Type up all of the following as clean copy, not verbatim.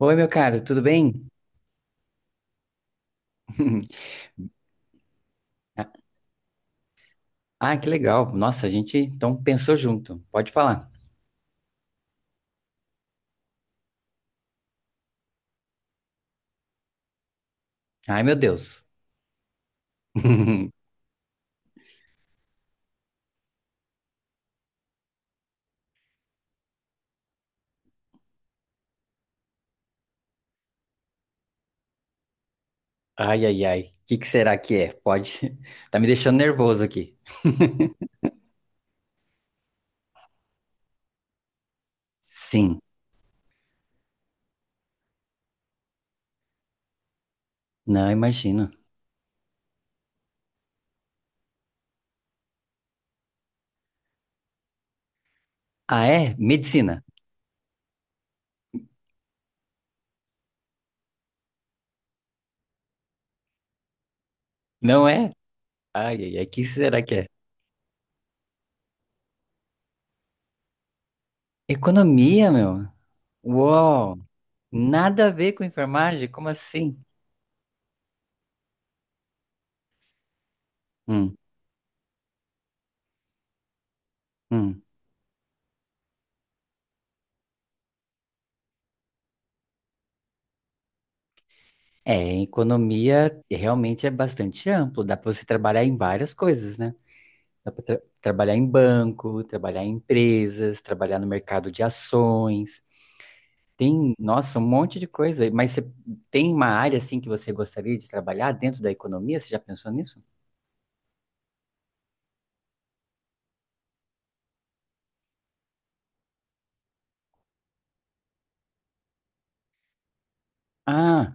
Oi, meu caro, tudo bem? Ah, que legal. Nossa, a gente então pensou junto. Pode falar. Ai, meu Deus. Ai, ai, ai. O que que será que é? Pode. Tá me deixando nervoso aqui. Sim, não imagino. Ah, é? Medicina. Não é? Ai, ai, ai. O que será que é? Economia, meu. Uou. Nada a ver com enfermagem? Como assim? Hum, hum. É, economia realmente é bastante amplo. Dá pra você trabalhar em várias coisas, né? Dá para trabalhar em banco, trabalhar em empresas, trabalhar no mercado de ações. Tem, nossa, um monte de coisa. Mas você tem uma área assim que você gostaria de trabalhar dentro da economia? Você já pensou nisso? Ah,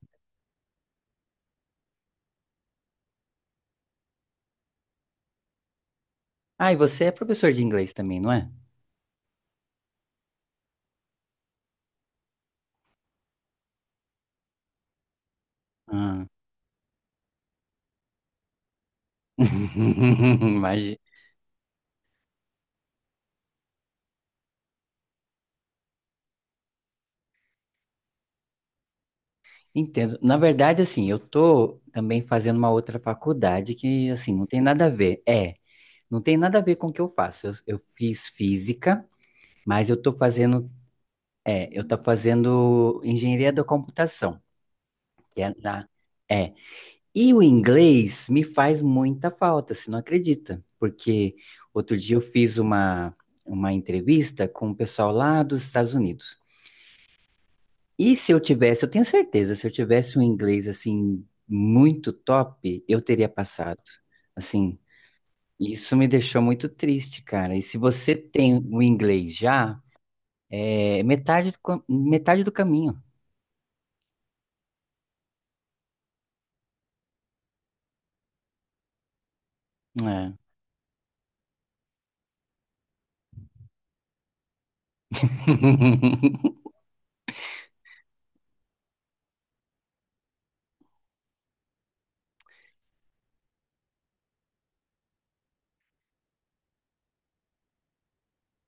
ah, e você é professor de inglês também, não é? Ah. Imagina. Entendo. Na verdade, assim, eu tô também fazendo uma outra faculdade que, assim, não tem nada a ver. É, não tem nada a ver com o que eu faço. Eu fiz física, mas eu estou fazendo engenharia da computação, que é na. É. E o inglês me faz muita falta, você não acredita? Porque outro dia uma entrevista com o pessoal lá dos Estados Unidos. E se eu tivesse, eu tenho certeza, se eu tivesse um inglês assim muito top, eu teria passado. Assim, isso me deixou muito triste, cara. E se você tem o inglês já, é metade do caminho. É.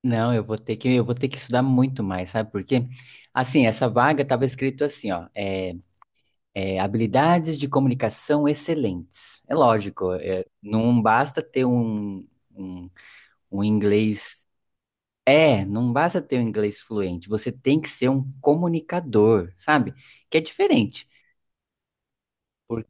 Não, eu vou ter que estudar muito mais, sabe por quê? Assim, essa vaga estava escrito assim, ó, habilidades de comunicação excelentes. É lógico, é, não basta ter um, um, um inglês. É, não basta ter um inglês fluente, você tem que ser um comunicador, sabe? Que é diferente. por-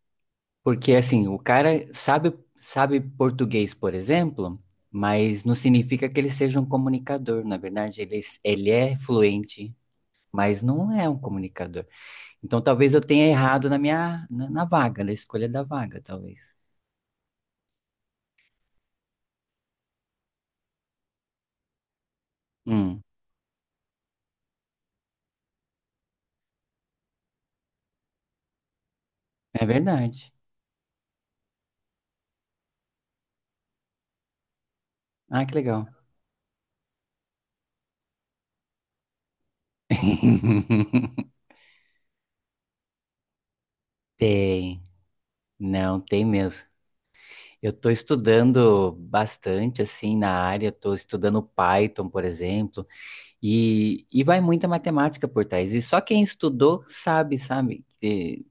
Porque, assim, sabe português, por exemplo. Mas não significa que ele seja um comunicador, na verdade, ele é fluente mas não é um comunicador. Então talvez eu tenha errado na vaga, na escolha da vaga, talvez. Hum, é verdade. Ah, que legal. Tem, não, tem mesmo. Eu estou estudando bastante assim na área, estou estudando Python, por exemplo, e vai muita matemática por trás. E só quem estudou sabe, sabe, que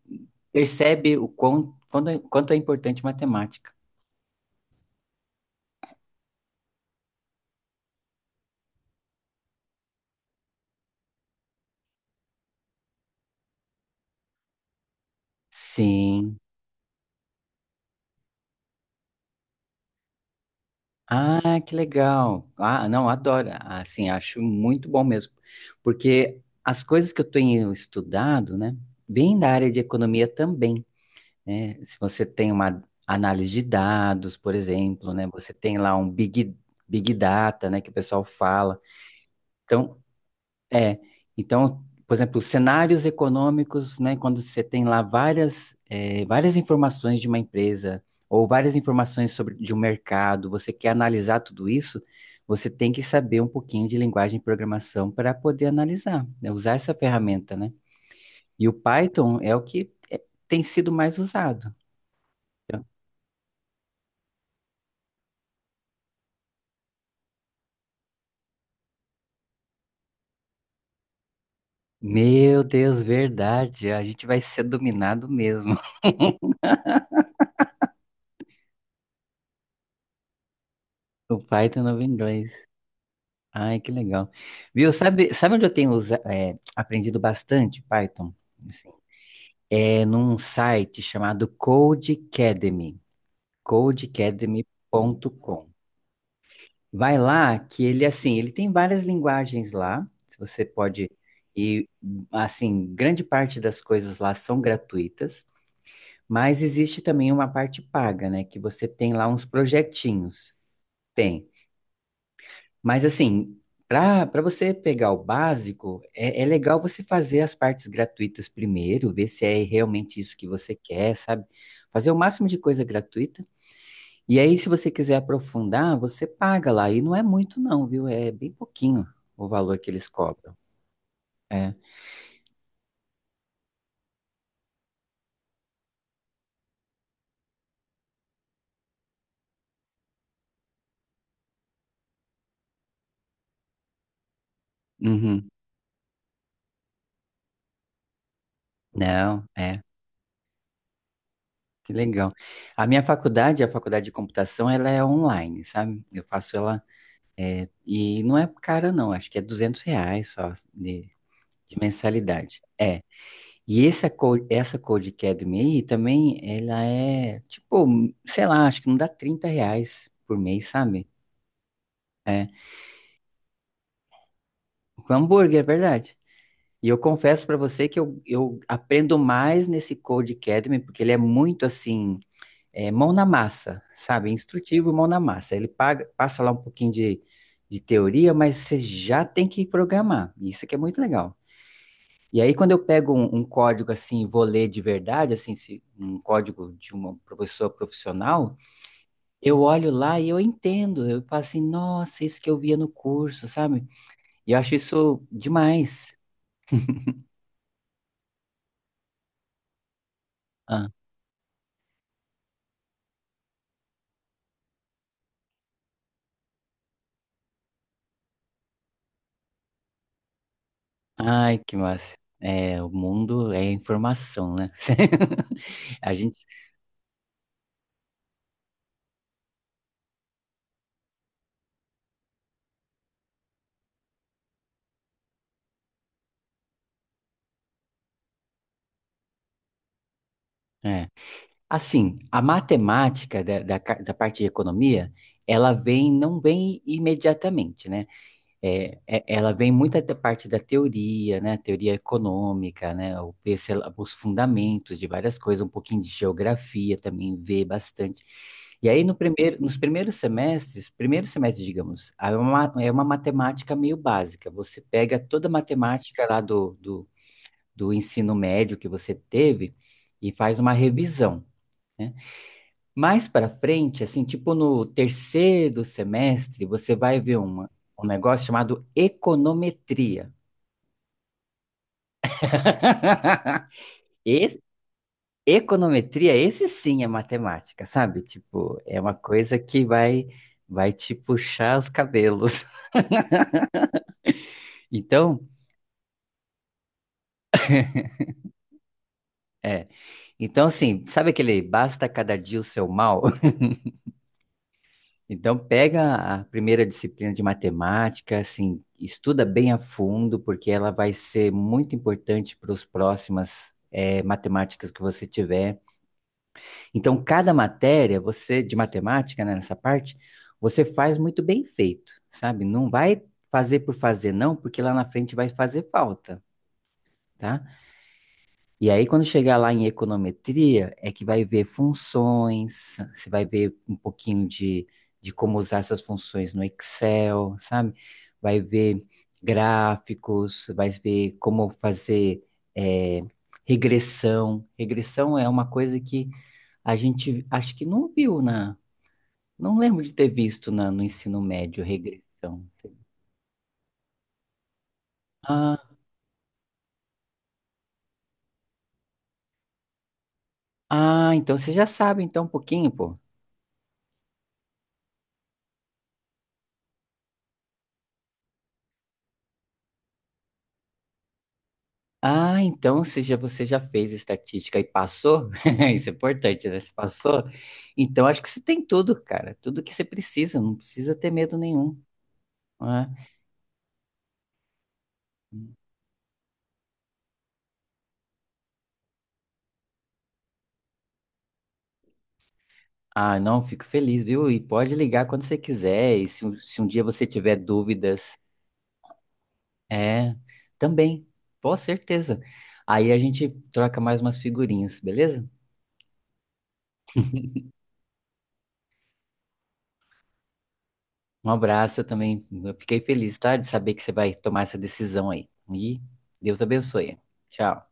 percebe quanto é importante matemática. Sim. Ah, que legal. Ah, não, adoro. Assim, acho muito bom mesmo. Porque as coisas que eu tenho estudado, né, bem da área de economia também, né? Se você tem uma análise de dados, por exemplo, né, você tem big data, né, que o pessoal fala. Então, é, então, por exemplo, cenários econômicos, né, quando você tem lá várias, várias informações de uma empresa ou várias informações sobre de um mercado, você quer analisar tudo isso, você tem que saber um pouquinho de linguagem de programação para poder analisar, né, usar essa ferramenta, né? E o Python é o que tem sido mais usado. Então, meu Deus, verdade, a gente vai ser dominado mesmo. O Python não vem inglês. Ai, que legal. Viu, sabe, sabe onde eu tenho aprendido bastante Python? Assim, é num site chamado Codecademy, codecademy.com. Vai lá que ele, assim, ele tem várias linguagens lá, se você pode, e, assim, grande parte das coisas lá são gratuitas, mas existe também uma parte paga, né, que você tem lá uns projetinhos. Tem. Mas assim, para para você pegar o básico, é legal você fazer as partes gratuitas primeiro, ver se é realmente isso que você quer, sabe? Fazer o máximo de coisa gratuita. E aí, se você quiser aprofundar, você paga lá. E não é muito, não, viu? É bem pouquinho o valor que eles cobram. É. Uhum. Não, é. Que legal. A minha faculdade, a faculdade de computação, ela é online, sabe? Eu faço ela. E não é cara, não. Acho que é R$ 200 só de mensalidade. É. E essa Code Academy aí também, ela é, tipo, sei lá, acho que não dá R$ 30 por mês, sabe? É. Com hambúrguer, é verdade. E eu confesso pra você que eu aprendo mais nesse Code Academy, porque ele é muito assim, mão na massa, sabe? Instrutivo, mão na massa. Passa lá um pouquinho de teoria, mas você já tem que programar. Isso que é muito legal. E aí, quando eu pego um código assim, e vou ler de verdade, assim, um código de uma pessoa profissional, eu olho lá e eu entendo. Eu falo assim, nossa, isso que eu via no curso, sabe? E eu acho isso demais. Ah, ai, que massa. É, o mundo é informação, né? A gente, é. Assim, a matemática da parte de economia, ela vem, não vem imediatamente, né? É, ela vem muito da parte da teoria, né? Teoria econômica, né? Os fundamentos de várias coisas, um pouquinho de geografia também vê bastante. E aí no primeiro, nos primeiros semestres, primeiro semestre, digamos, é uma matemática meio básica. Você pega toda a matemática lá do ensino médio que você teve e faz uma revisão. Né? Mais para frente, assim, tipo no terceiro semestre, você vai ver uma, um negócio chamado econometria. Esse- Econometria, esse sim é matemática, sabe? Tipo, é uma coisa vai te puxar os cabelos. Então, é. Então, assim, sabe aquele basta cada dia o seu mal? Então, pega a primeira disciplina de matemática, assim, estuda bem a fundo, porque ela vai ser muito importante para os próximas matemáticas que você tiver. Então, cada matéria, você de matemática, né, nessa parte, você faz muito bem feito, sabe? Não vai fazer por fazer, não, porque lá na frente vai fazer falta, tá? E aí, quando chegar lá em econometria, é que vai ver funções, você vai ver um pouquinho de como usar essas funções no Excel, sabe? Vai ver gráficos, vai ver como fazer é, regressão. Regressão é uma coisa que a gente acho que não viu na. Não lembro de ter visto no ensino médio regressão. Ah, ah, então você já sabe então um pouquinho, pô. Ah, então se já, você já fez estatística e passou, isso é importante, né? Você passou, então acho que você tem tudo, cara, tudo que você precisa, não precisa ter medo nenhum, né? Ah, não, fico feliz, viu? E pode ligar quando você quiser, e se um dia você tiver dúvidas, é, também, com certeza. Aí a gente troca mais umas figurinhas, beleza? Um abraço, eu também, eu fiquei feliz, tá? De saber que você vai tomar essa decisão aí. E Deus abençoe. Tchau.